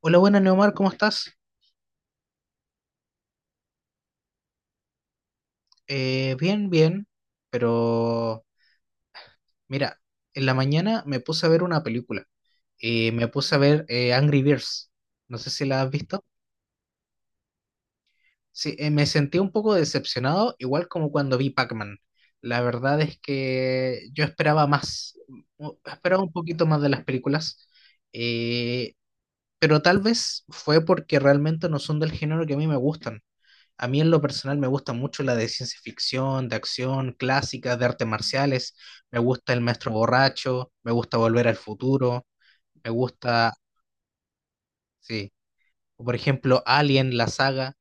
Hola, buenas, Neomar, ¿cómo estás? Bien, bien, pero mira, en la mañana me puse a ver una película. Me puse a ver Angry Birds. No sé si la has visto. Sí, me sentí un poco decepcionado, igual como cuando vi Pac-Man. La verdad es que yo esperaba más, esperaba un poquito más de las películas, eh, pero tal vez fue porque realmente no son del género que a mí me gustan. A mí en lo personal me gusta mucho la de ciencia ficción, de acción, clásicas, de artes marciales. Me gusta El Maestro Borracho, me gusta Volver al Futuro, me gusta, sí, o por ejemplo Alien, la saga.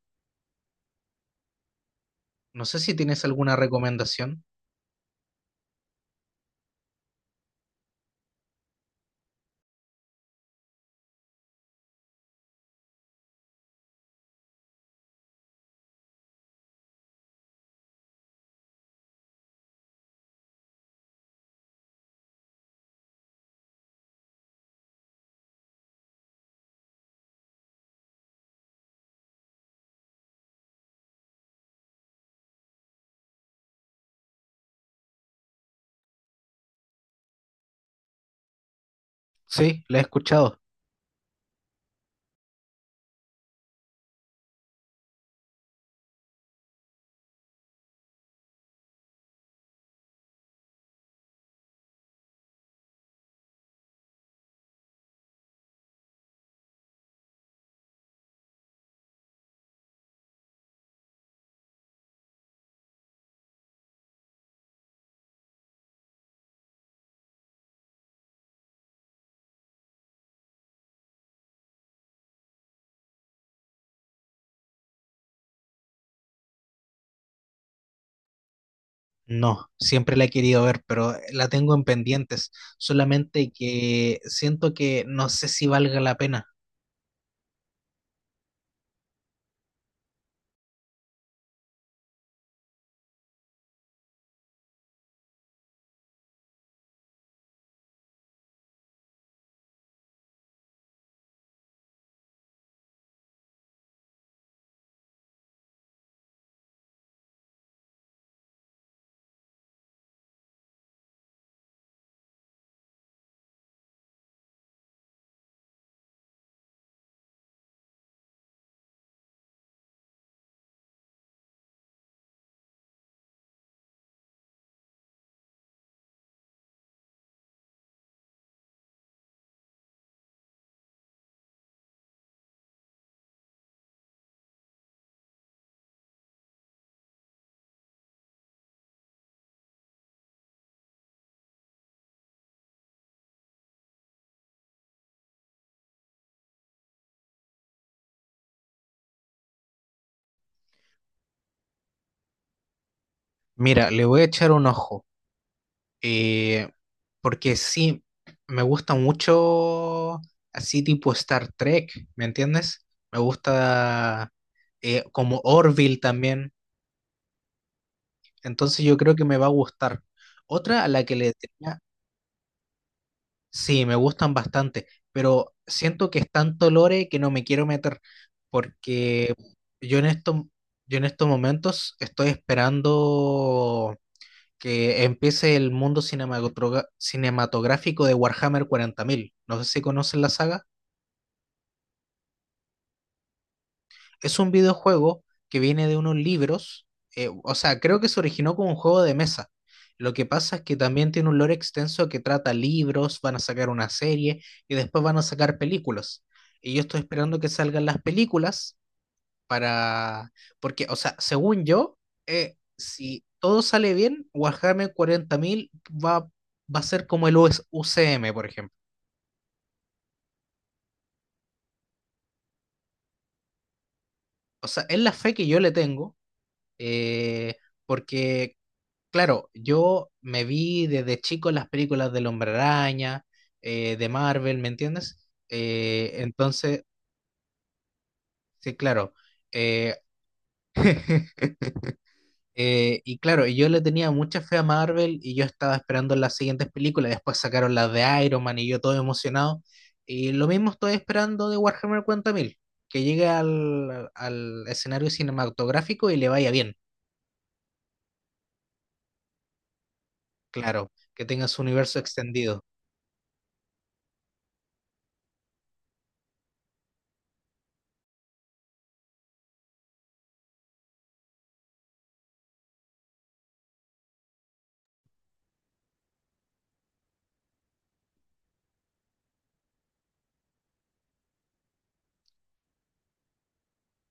No sé si tienes alguna recomendación. Sí, la he escuchado. No, siempre la he querido ver, pero la tengo en pendientes. Solamente que siento que no sé si valga la pena. Mira, le voy a echar un ojo. Eh, Porque sí, me gusta mucho así tipo Star Trek, ¿me entiendes? Me gusta como Orville también, entonces yo creo que me va a gustar. Otra a la que le tenía, sí, me gustan bastante, pero siento que es tanto lore que no me quiero meter, porque yo en esto, yo en estos momentos estoy esperando que empiece el mundo cinematográfico de Warhammer 40.000. No sé si conocen la saga. Es un videojuego que viene de unos libros, o sea, creo que se originó como un juego de mesa. Lo que pasa es que también tiene un lore extenso que trata libros, van a sacar una serie y después van a sacar películas. Y yo estoy esperando que salgan las películas para, porque, o sea, según yo, si todo sale bien, Warhammer 40.000 va, va a ser como el US UCM, por ejemplo. O sea, es la fe que yo le tengo, eh, porque, claro, yo me vi desde chico las películas del Hombre Araña, de Marvel, ¿me entiendes? Eh, entonces, sí, claro. eh, y claro, yo le tenía mucha fe a Marvel y yo estaba esperando las siguientes películas. Después sacaron las de Iron Man y yo todo emocionado. Y lo mismo estoy esperando de Warhammer 40.000 que llegue al, al escenario cinematográfico y le vaya bien, claro, que tenga su universo extendido.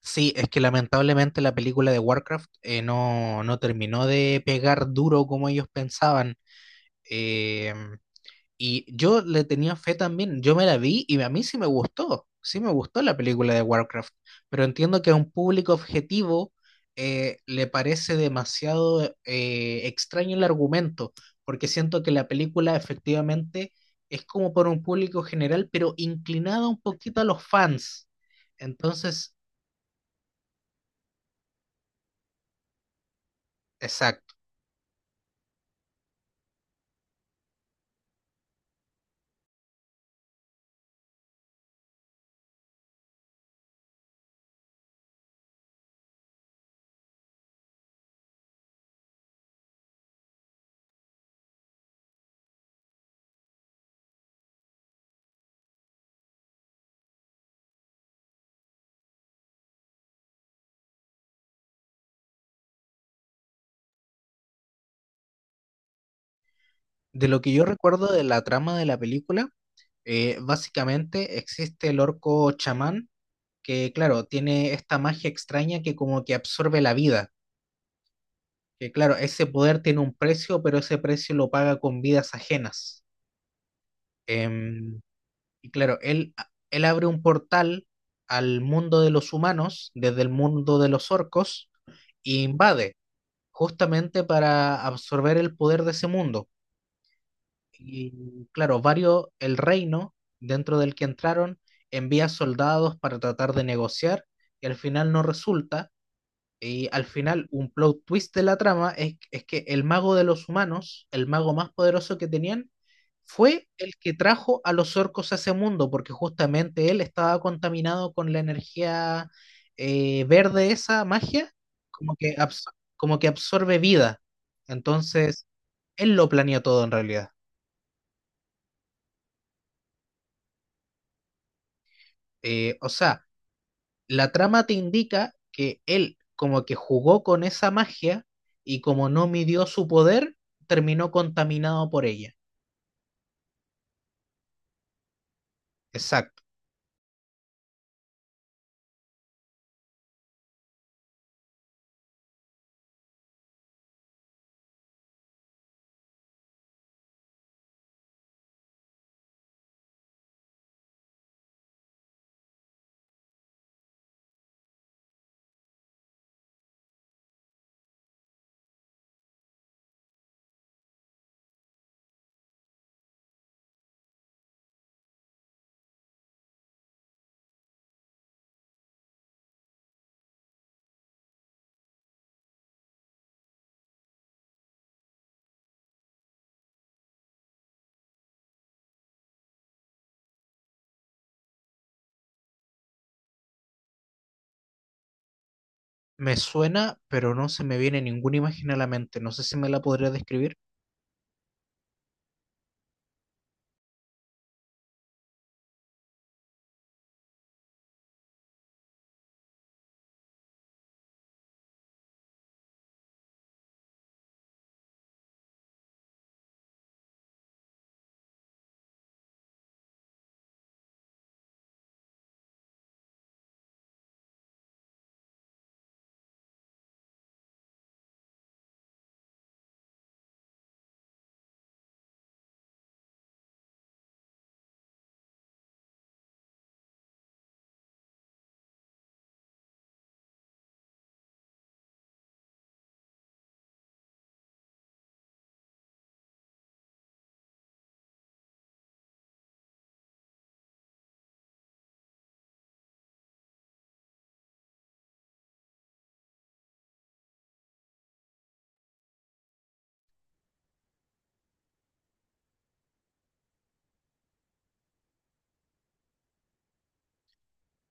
Sí, es que lamentablemente la película de Warcraft no, no terminó de pegar duro como ellos pensaban. Eh, Y yo le tenía fe también, yo me la vi y a mí sí me gustó la película de Warcraft, pero entiendo que a un público objetivo le parece demasiado extraño el argumento, porque siento que la película efectivamente es como por un público general, pero inclinada un poquito a los fans. Entonces, exacto. De lo que yo recuerdo de la trama de la película, básicamente existe el orco chamán que claro, tiene esta magia extraña que como que absorbe la vida, que claro, ese poder tiene un precio, pero ese precio lo paga con vidas ajenas. Em, y claro, él abre un portal al mundo de los humanos, desde el mundo de los orcos, e invade, justamente para absorber el poder de ese mundo. Y claro, varios, el reino dentro del que entraron envía soldados para tratar de negociar y al final no resulta. Y al final, un plot twist de la trama es que el mago de los humanos, el mago más poderoso que tenían, fue el que trajo a los orcos a ese mundo, porque justamente él estaba contaminado con la energía verde, esa magia, como que, abs- como que absorbe vida. Entonces, él lo planeó todo en realidad. O sea, la trama te indica que él como que jugó con esa magia y como no midió su poder, terminó contaminado por ella. Exacto. Me suena, pero no se me viene ninguna imagen a la mente. No sé si me la podría describir.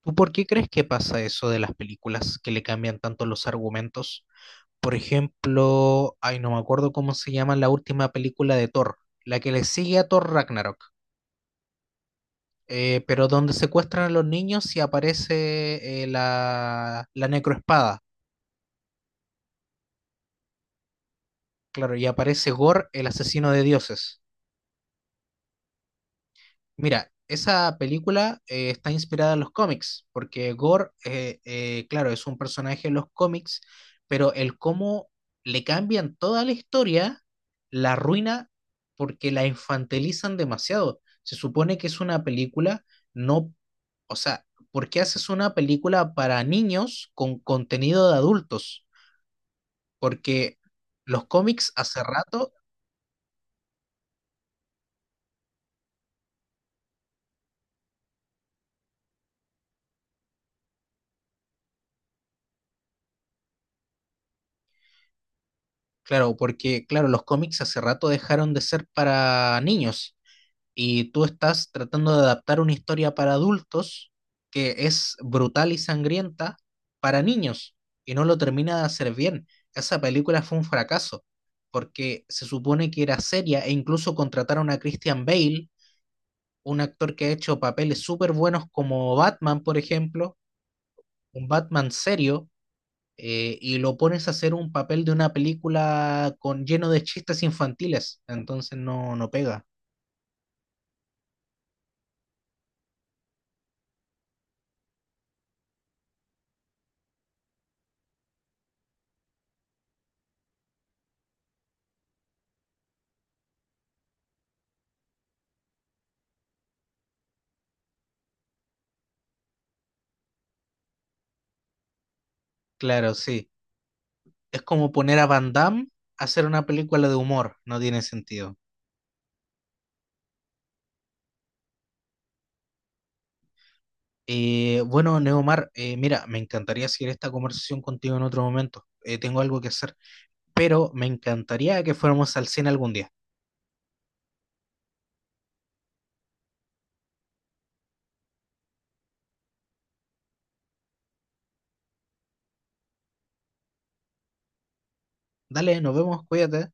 ¿Tú por qué crees que pasa eso de las películas que le cambian tanto los argumentos? Por ejemplo, ay, no me acuerdo cómo se llama la última película de Thor, la que le sigue a Thor Ragnarok, pero donde secuestran a los niños y aparece la, la necroespada. Claro, y aparece Gore, el asesino de dioses. Mira, esa película está inspirada en los cómics, porque Gore, claro, es un personaje en los cómics, pero el cómo le cambian toda la historia, la arruina porque la infantilizan demasiado. Se supone que es una película, no, o sea, ¿por qué haces una película para niños con contenido de adultos? Porque los cómics hace rato. Claro, porque claro, los cómics hace rato dejaron de ser para niños y tú estás tratando de adaptar una historia para adultos que es brutal y sangrienta para niños y no lo termina de hacer bien. Esa película fue un fracaso porque se supone que era seria e incluso contrataron a Christian Bale, un actor que ha hecho papeles súper buenos como Batman, por ejemplo, un Batman serio y lo pones a hacer un papel de una película con lleno de chistes infantiles, entonces no, no pega. Claro, sí. Es como poner a Van Damme a hacer una película de humor, no tiene sentido. Bueno, Neomar, mira, me encantaría seguir esta conversación contigo en otro momento. Tengo algo que hacer, pero me encantaría que fuéramos al cine algún día. Dale, nos vemos, cuídate.